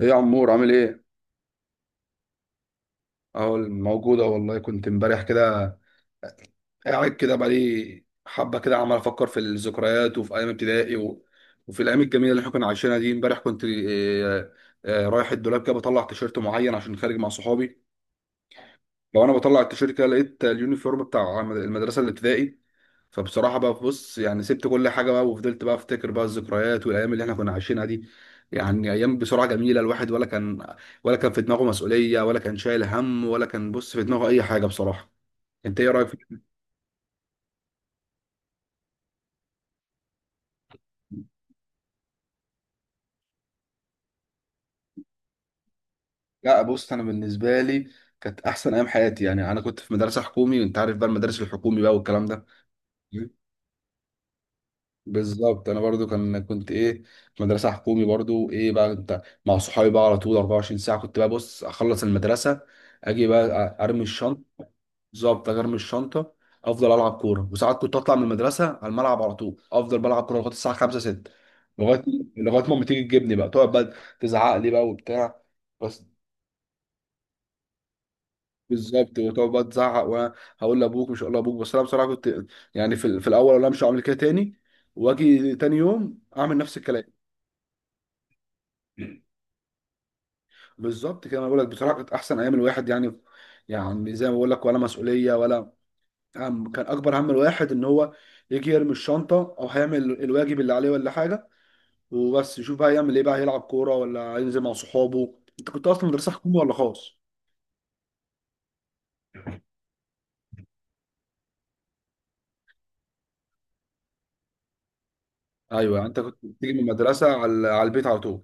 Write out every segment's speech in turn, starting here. ايه يا عمور عامل ايه؟ اهو موجودة والله كنت امبارح كده قاعد كده بقالي حبة كده عمال افكر في الذكريات وفي ايام ابتدائي وفي الايام الجميلة اللي احنا كنا عايشينها دي امبارح كنت رايح الدولاب كده بطلع تيشيرت معين عشان خارج مع صحابي. لو انا بطلع التيشيرت كده لقيت اليونيفورم بتاع المدرسه الابتدائي، فبصراحه بقى بص يعني سبت كل حاجه بقى وفضلت بقى افتكر بقى الذكريات والايام اللي احنا كنا عايشينها دي. يعني ايام بسرعه جميله، الواحد ولا كان في دماغه مسؤوليه، ولا كان شايل هم، ولا كان بص في دماغه اي حاجه بصراحه. انت ايه رايك في؟ لا بص، انا بالنسبه لي كانت احسن ايام حياتي، يعني انا كنت في مدرسه حكومي وانت عارف بقى المدارس الحكومي بقى والكلام ده. بالظبط انا برضو كان كنت ايه، في مدرسه حكومي برضو، ايه بقى انت مع صحابي بقى على طول 24 ساعه. كنت بقى بص اخلص المدرسه، اجي بقى ارمي الشنطه. بالظبط أجي ارمي الشنطه افضل العب كوره، وساعات كنت اطلع من المدرسه على الملعب على طول افضل بلعب كوره لغايه الساعه 5 6. لغايه لغايه ما أمي تيجي تجيبني بقى، تقعد بقى تزعق لي بقى وبتاع بس. بالظبط وتقعد بقى تزعق وانا هقول لابوك مش هقول لابوك، بس انا بصراحه كنت يعني في الاول انا مش هعمل كده تاني، واجي تاني يوم اعمل نفس الكلام. بالظبط كده انا بقول لك بصراحه كانت احسن ايام الواحد يعني، يعني زي ما بقول لك ولا مسؤوليه ولا هم، كان اكبر هم الواحد ان هو يجي يرمي الشنطه او هيعمل الواجب اللي عليه ولا حاجه، وبس يشوف بقى يعمل ايه بقى، هيلعب كوره ولا هينزل مع صحابه. انت كنت اصلا مدرسه حكومي ولا خاص؟ ايوه انت كنت بتيجي من المدرسه على على البيت على طول.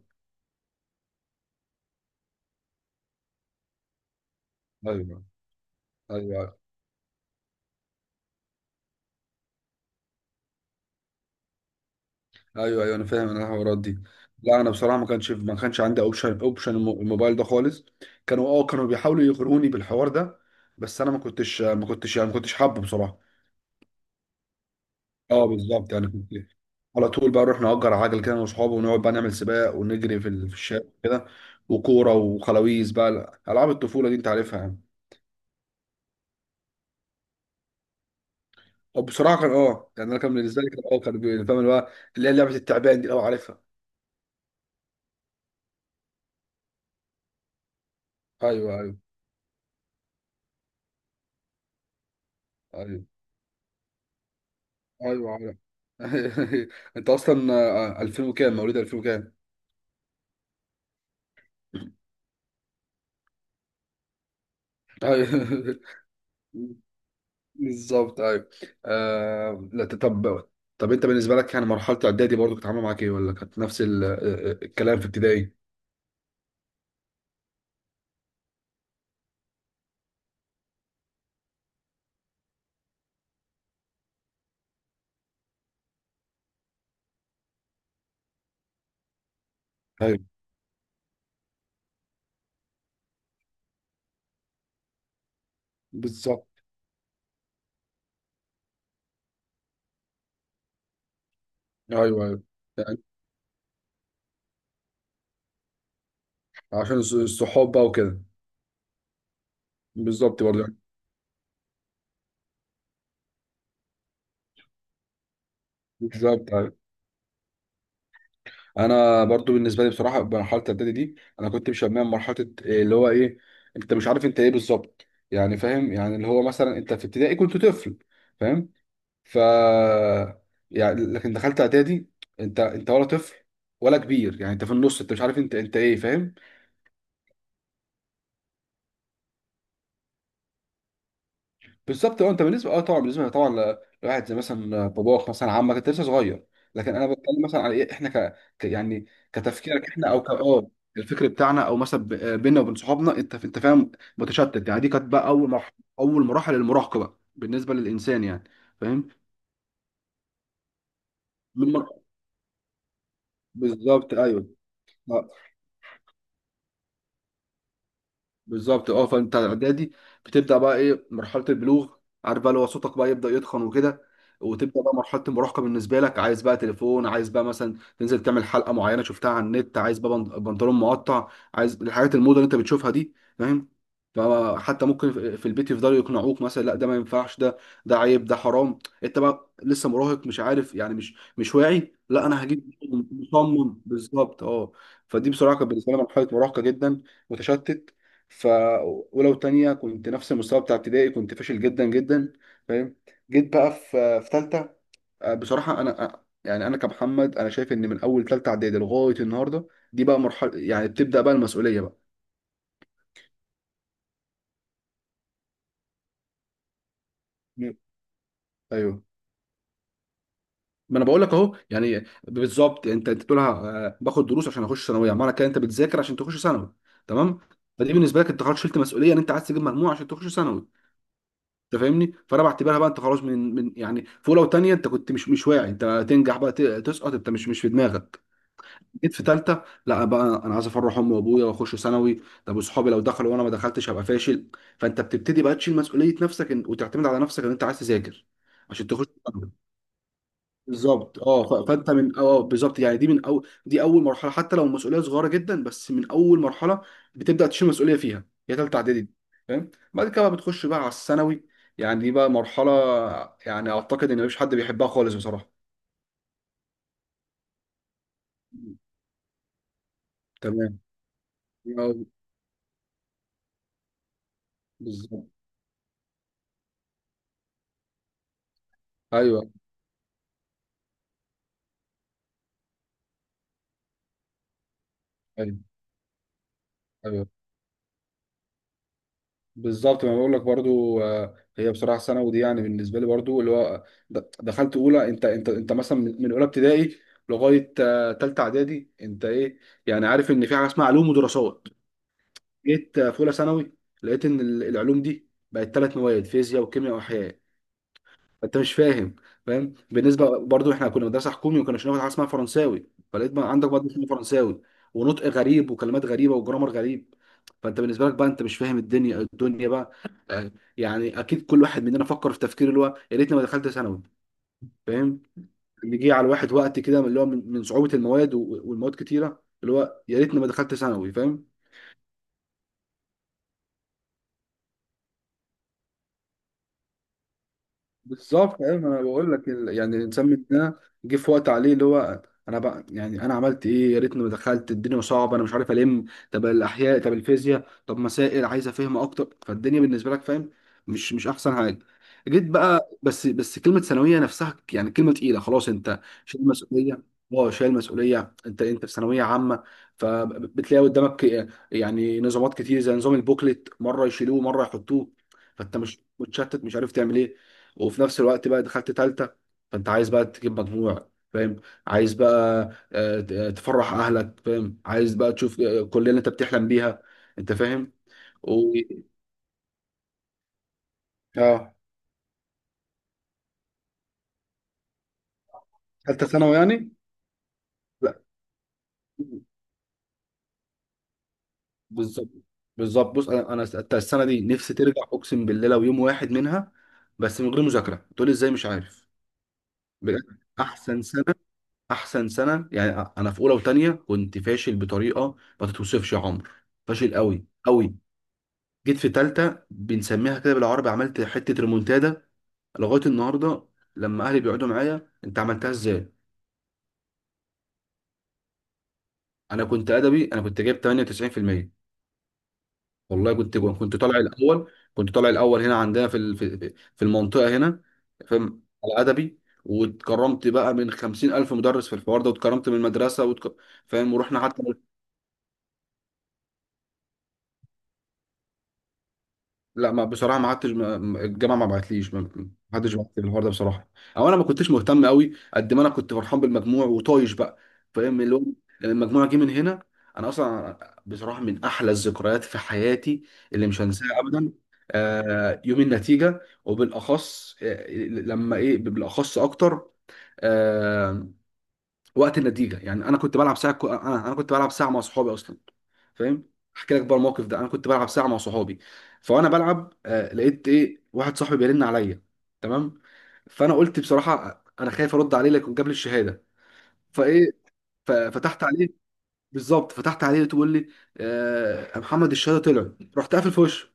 ايوه ايوه، ايوه ايوه انا فاهم انا الحوارات دي. لا انا بصراحه ما كانش عندي اوبشن الموبايل ده خالص. كانوا اه كانوا بيحاولوا يغروني بالحوار ده، بس انا ما كنتش يعني ما كنتش حابه بصراحه. اه بالظبط، يعني كنت على طول بقى نروح نأجر عجل كده انا واصحابي، ونقعد بقى نعمل سباق ونجري في الشارع كده، وكوره وخلاويز بقى، العاب الطفوله دي انت عارفها يعني. طب بصراحه كان اه، يعني انا كان بالنسبه لي كان اه فاهم اللي هو، اللي هي لعبه التعبان دي، اه عارفها. ايوه ايوه، ايوه ايوه عارف. انت اصلا آه، 2000 وكام، مواليد 2000 وكام؟ ايوه. بالظبط ايوه. لا ت- طب، طب انت بالنسبه لك يعني مرحله اعدادي برضو كانت عامله معاك ايه، ولا كانت نفس ال... آه، آه، الكلام في ابتدائي؟ ايوه بالظبط. ايوه ايوه يعني، الصحاب بقى وكده. بالظبط برضو يعني. بالظبط أيوه. انا برضو بالنسبه لي بصراحه مرحله الاعدادي دي انا كنت مشميها مرحله إيه اللي هو ايه. انت مش عارف انت ايه بالظبط يعني، فاهم يعني اللي هو مثلا انت في ابتدائي كنت طفل فاهم، ف يعني لكن دخلت اعدادي، انت ولا طفل ولا كبير، يعني انت في النص، انت مش عارف انت انت ايه فاهم. بالظبط اه، انت بالنسبه اه طبعا بالنسبه طبعا لواحد زي مثلا باباك مثلا عمك انت لسه صغير. لكن انا بتكلم مثلا على ايه احنا يعني كتفكيرك احنا، او ك اه، الفكر بتاعنا، او مثلا بينا وبين صحابنا، انت انت فاهم، متشتت يعني. دي كانت بقى اول مراحل المراهقه بقى بالنسبه للانسان يعني فاهم. من مر... بالظبط ايوه اه. بالظبط اه، فانت اعدادي بتبدا بقى ايه، مرحله البلوغ، عارف بقى اللي هو صوتك بقى يبدا يتخن وكده، وتبدا بقى مرحله المراهقه بالنسبه لك، عايز بقى تليفون، عايز بقى مثلا تنزل تعمل حلقه معينه شفتها على النت، عايز بقى بنطلون مقطع، عايز الحاجات الموضه اللي انت بتشوفها دي فاهم. فحتى ممكن في البيت يفضلوا يقنعوك مثلا لا ده ما ينفعش، ده ده عيب ده حرام، انت بقى لسه مراهق، مش عارف يعني مش واعي. لا انا هجيب، مصمم بالظبط اه. فدي بصراحه كانت بالنسبه لي مرحله مراهقه جدا متشتت. ف ولو تانية كنت نفس المستوى بتاع ابتدائي كنت فاشل جدا جدا فاهم. جيت بقى في تالتة، آه، بصراحة أنا آه، يعني أنا كمحمد أنا شايف إن من أول تالتة إعدادي لغاية النهاردة دي بقى مرحلة يعني بتبدأ بقى المسؤولية بقى. مم. أيوه، ما أنا بقول لك أهو، يعني بالظبط أنت أنت بتقولها، آه، باخد دروس عشان أخش ثانوية، معنى كده أنت بتذاكر عشان تخش ثانوي. تمام. فدي بالنسبة لك أنت خلاص شلت مسؤولية إن أنت عايز تجيب مجموع عشان تخش ثانوي. انت فاهمني، فانا بعتبرها بقى انت خلاص من يعني في اولى وثانيه انت كنت مش واعي، انت تنجح بقى تسقط، انت مش في دماغك. جيت في ثالثه لا بقى انا عايز افرح امي وابويا واخش ثانوي، طب وصحابي لو دخلوا وانا ما دخلتش هبقى فاشل. فانت بتبتدي بقى تشيل مسؤوليه نفسك وتعتمد على نفسك ان انت عايز تذاكر عشان تخش. بالظبط اه، فانت من اه بالظبط يعني، دي من اول مرحله حتى لو المسؤوليه صغيره جدا، بس من اول مرحله بتبدا تشيل مسؤوليه فيها، هي ثالثه اعدادي دي فاهم. بعد كده بقى بتخش بقى على الثانوي، يعني دي بقى مرحله، يعني اعتقد ان مفيش حد بيحبها خالص بصراحه. تمام. آه، بالظبط. ايوه ايوه، ايوه بالظبط، ما بقول لك برضو، آه، هي بصراحه ثانوي دي يعني بالنسبه لي برضو اللي هو، دخلت اولى، انت انت مثلا من اولى ابتدائي لغايه آه، تالته اعدادي انت ايه يعني، عارف ان في حاجه اسمها علوم ودراسات. جيت آه، في اولى ثانوي لقيت ان العلوم دي بقت ثلاث مواد، فيزياء وكيمياء واحياء. انت مش فاهم. فاهم بالنسبه برضو احنا كنا مدرسه حكومي وكنا بناخد حاجه اسمها فرنساوي، فلقيت بقى عندك برضه اسمه فرنساوي، ونطق غريب وكلمات غريبه وجرامر غريب. فانت بالنسبه لك بقى انت مش فاهم الدنيا بقى آه، يعني اكيد كل واحد مننا فكر في تفكير اللي هو يا ريتني ما دخلت ثانوي فاهم، اللي جه على الواحد وقت كده من اللي هو من صعوبه المواد والمواد كتيره، اللي هو يا ريتني ما دخلت ثانوي فاهم. بالظبط ايوه، ما انا بقول لك يعني الانسان من ده جه في وقت عليه اللي هو انا بقى يعني انا عملت ايه، يا ريتني ما دخلت، الدنيا صعبه انا مش عارف الم، طب الاحياء طب الفيزياء طب مسائل عايز افهم اكتر، فالدنيا بالنسبه لك فاهم مش احسن حاجه. جيت بقى بس كلمه ثانويه نفسها يعني كلمه تقيله، خلاص انت شايل مسؤوليه، اه شايل مسؤوليه، انت انت في ثانويه عامه، فبتلاقي قدامك يعني نظامات كتير زي نظام البوكلت مره يشيلوه مره يحطوه، فانت مش متشتت مش عارف تعمل ايه، وفي نفس الوقت بقى دخلت تالتة فانت عايز بقى تجيب مجموع فاهم، عايز بقى آه، تفرح اهلك فاهم، عايز بقى تشوف آه، كل اللي انت بتحلم بيها، انت فاهم. و... اه. ثالثه ثانوي يعني؟ لا بالظبط، بالظبط بص، انا السنه دي نفسي ترجع، اقسم بالله لو يوم واحد منها بس من غير مذاكره، تقول لي ازاي مش عارف، بجد احسن سنه، احسن سنه يعني. انا في اولى وثانيه كنت فاشل بطريقه ما تتوصفش يا عمر، فاشل قوي قوي. جيت في تالتة بنسميها كده بالعربي، عملت حتة ريمونتادا. لغاية النهاردة لما أهلي بيقعدوا معايا أنت عملتها إزاي؟ أنا كنت أدبي، أنا كنت جايب 98%. والله كنت جوه. كنت طالع الأول، كنت طالع الأول هنا عندنا في في المنطقة هنا، فاهم، على أدبي. واتكرمت بقى من 50 ألف مدرس في الحوار ده، واتكرمت من المدرسة فاهم، ورحنا حتى. لا ما بصراحه ما قعدتش، الجامعه ما بعتليش، ما حدش بعت لي الحوار ده بصراحه، او انا ما كنتش مهتم قوي قد ما انا كنت فرحان بالمجموع وطايش بقى، فاهم. اللي هو لما المجموع جه من هنا، انا اصلا بصراحه من احلى الذكريات في حياتي اللي مش هنساها ابدا آه، يوم النتيجه، وبالاخص آه، لما ايه، بالاخص اكتر آه، وقت النتيجه. يعني انا كنت بلعب ساعه، انا كنت بلعب ساعه مع صحابي اصلا فاهم، احكي لك بقى الموقف ده. انا كنت بلعب ساعه مع صحابي، فانا بلعب آه، لقيت ايه واحد صاحبي بيرن عليا. تمام. فانا قلت بصراحه انا خايف ارد عليه لكن جاب لي الشهاده فايه، ففتحت عليه. بالظبط فتحت عليه تقول لي آه، يا محمد الشهاده طلعت، رحت قافل في وشه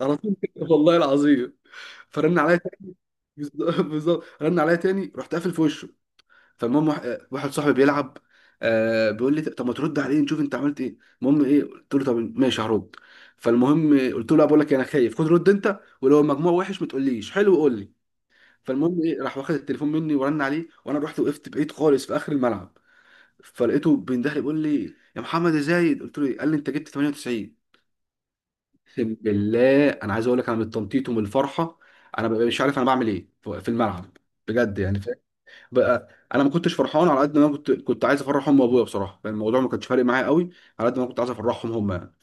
على طول كده، والله العظيم. فرن عليا تاني- بالظبط، رن عليا تاني رحت قافل في وشه. فالمهم واحد آه، واحد صاحبي بيلعب آه بيقول لي طب ما ترد عليه نشوف انت عملت ايه، المهم ايه قلت له طب ماشي هرد. فالمهم آه، قلت له لا بقول لك إيه، انا خايف، خد رد انت، ولو المجموع وحش ما تقوليش حلو، قول لي. فالمهم ايه راح واخد التليفون مني ورن عليه، وانا رحت وقفت بعيد خالص في اخر الملعب. فلقيته بيندهلي بيقول لي يا محمد ازاي، قلت له إيه؟ قال لي انت جبت 98. اقسم بالله انا عايز اقول لك، انا من التنطيط ومن الفرحه انا ببقى مش عارف انا بعمل ايه في الملعب بجد يعني. بقى انا ما كنتش فرحان على قد ما أنا كنت كنت عايز افرح امي وابويا بصراحه، يعني الموضوع ما كانش فارق معايا قوي على قد ما أنا كنت عايز افرحهم هم يعني.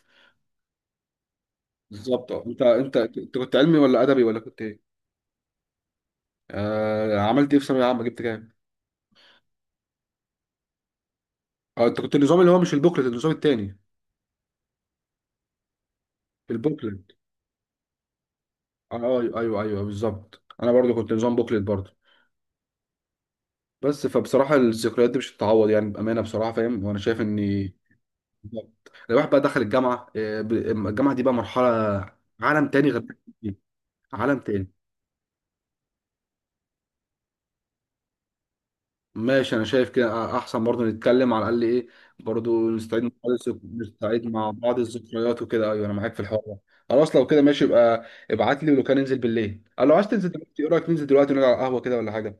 بالظبط اه، انت انت كنت علمي ولا ادبي، ولا كنت ايه؟ آه، عملت ايه في ثانويه عامه، جبت كام؟ اه انت كنت النظام اللي هو مش البوكلت، النظام التاني البوكلت. اه ايوه ايوه، ايوه بالظبط، انا برضو كنت نظام بوكلت برضو. بس فبصراحه الذكريات دي مش هتتعوض يعني بامانه بصراحه فاهم، وانا شايف ان بالظبط. الواحد بقى دخل الجامعه آه، الجامعه دي بقى مرحله عالم تاني غير. عالم تاني. ماشي انا شايف كده احسن، برضه نتكلم على الاقل ايه، برضه نستعيد مع بعض نستعيد مع بعض الذكريات وكده، ايوه انا معاك في الحوار ده. خلاص لو كده ماشي، يبقى ابعت لي ولو كان ننزل بالليل، قال لو عايز تنزل دلوقتي، ايه رايك ننزل دلوقتي ونقعد على القهوه كده ولا حاجه؟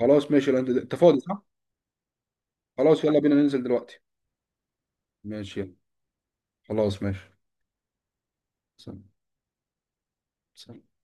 خلاص ماشي لو انت أنت فاضي صح. خلاص يلا بينا ننزل دلوقتي. ماشي يلا، خلاص ماشي. سلام. سلام.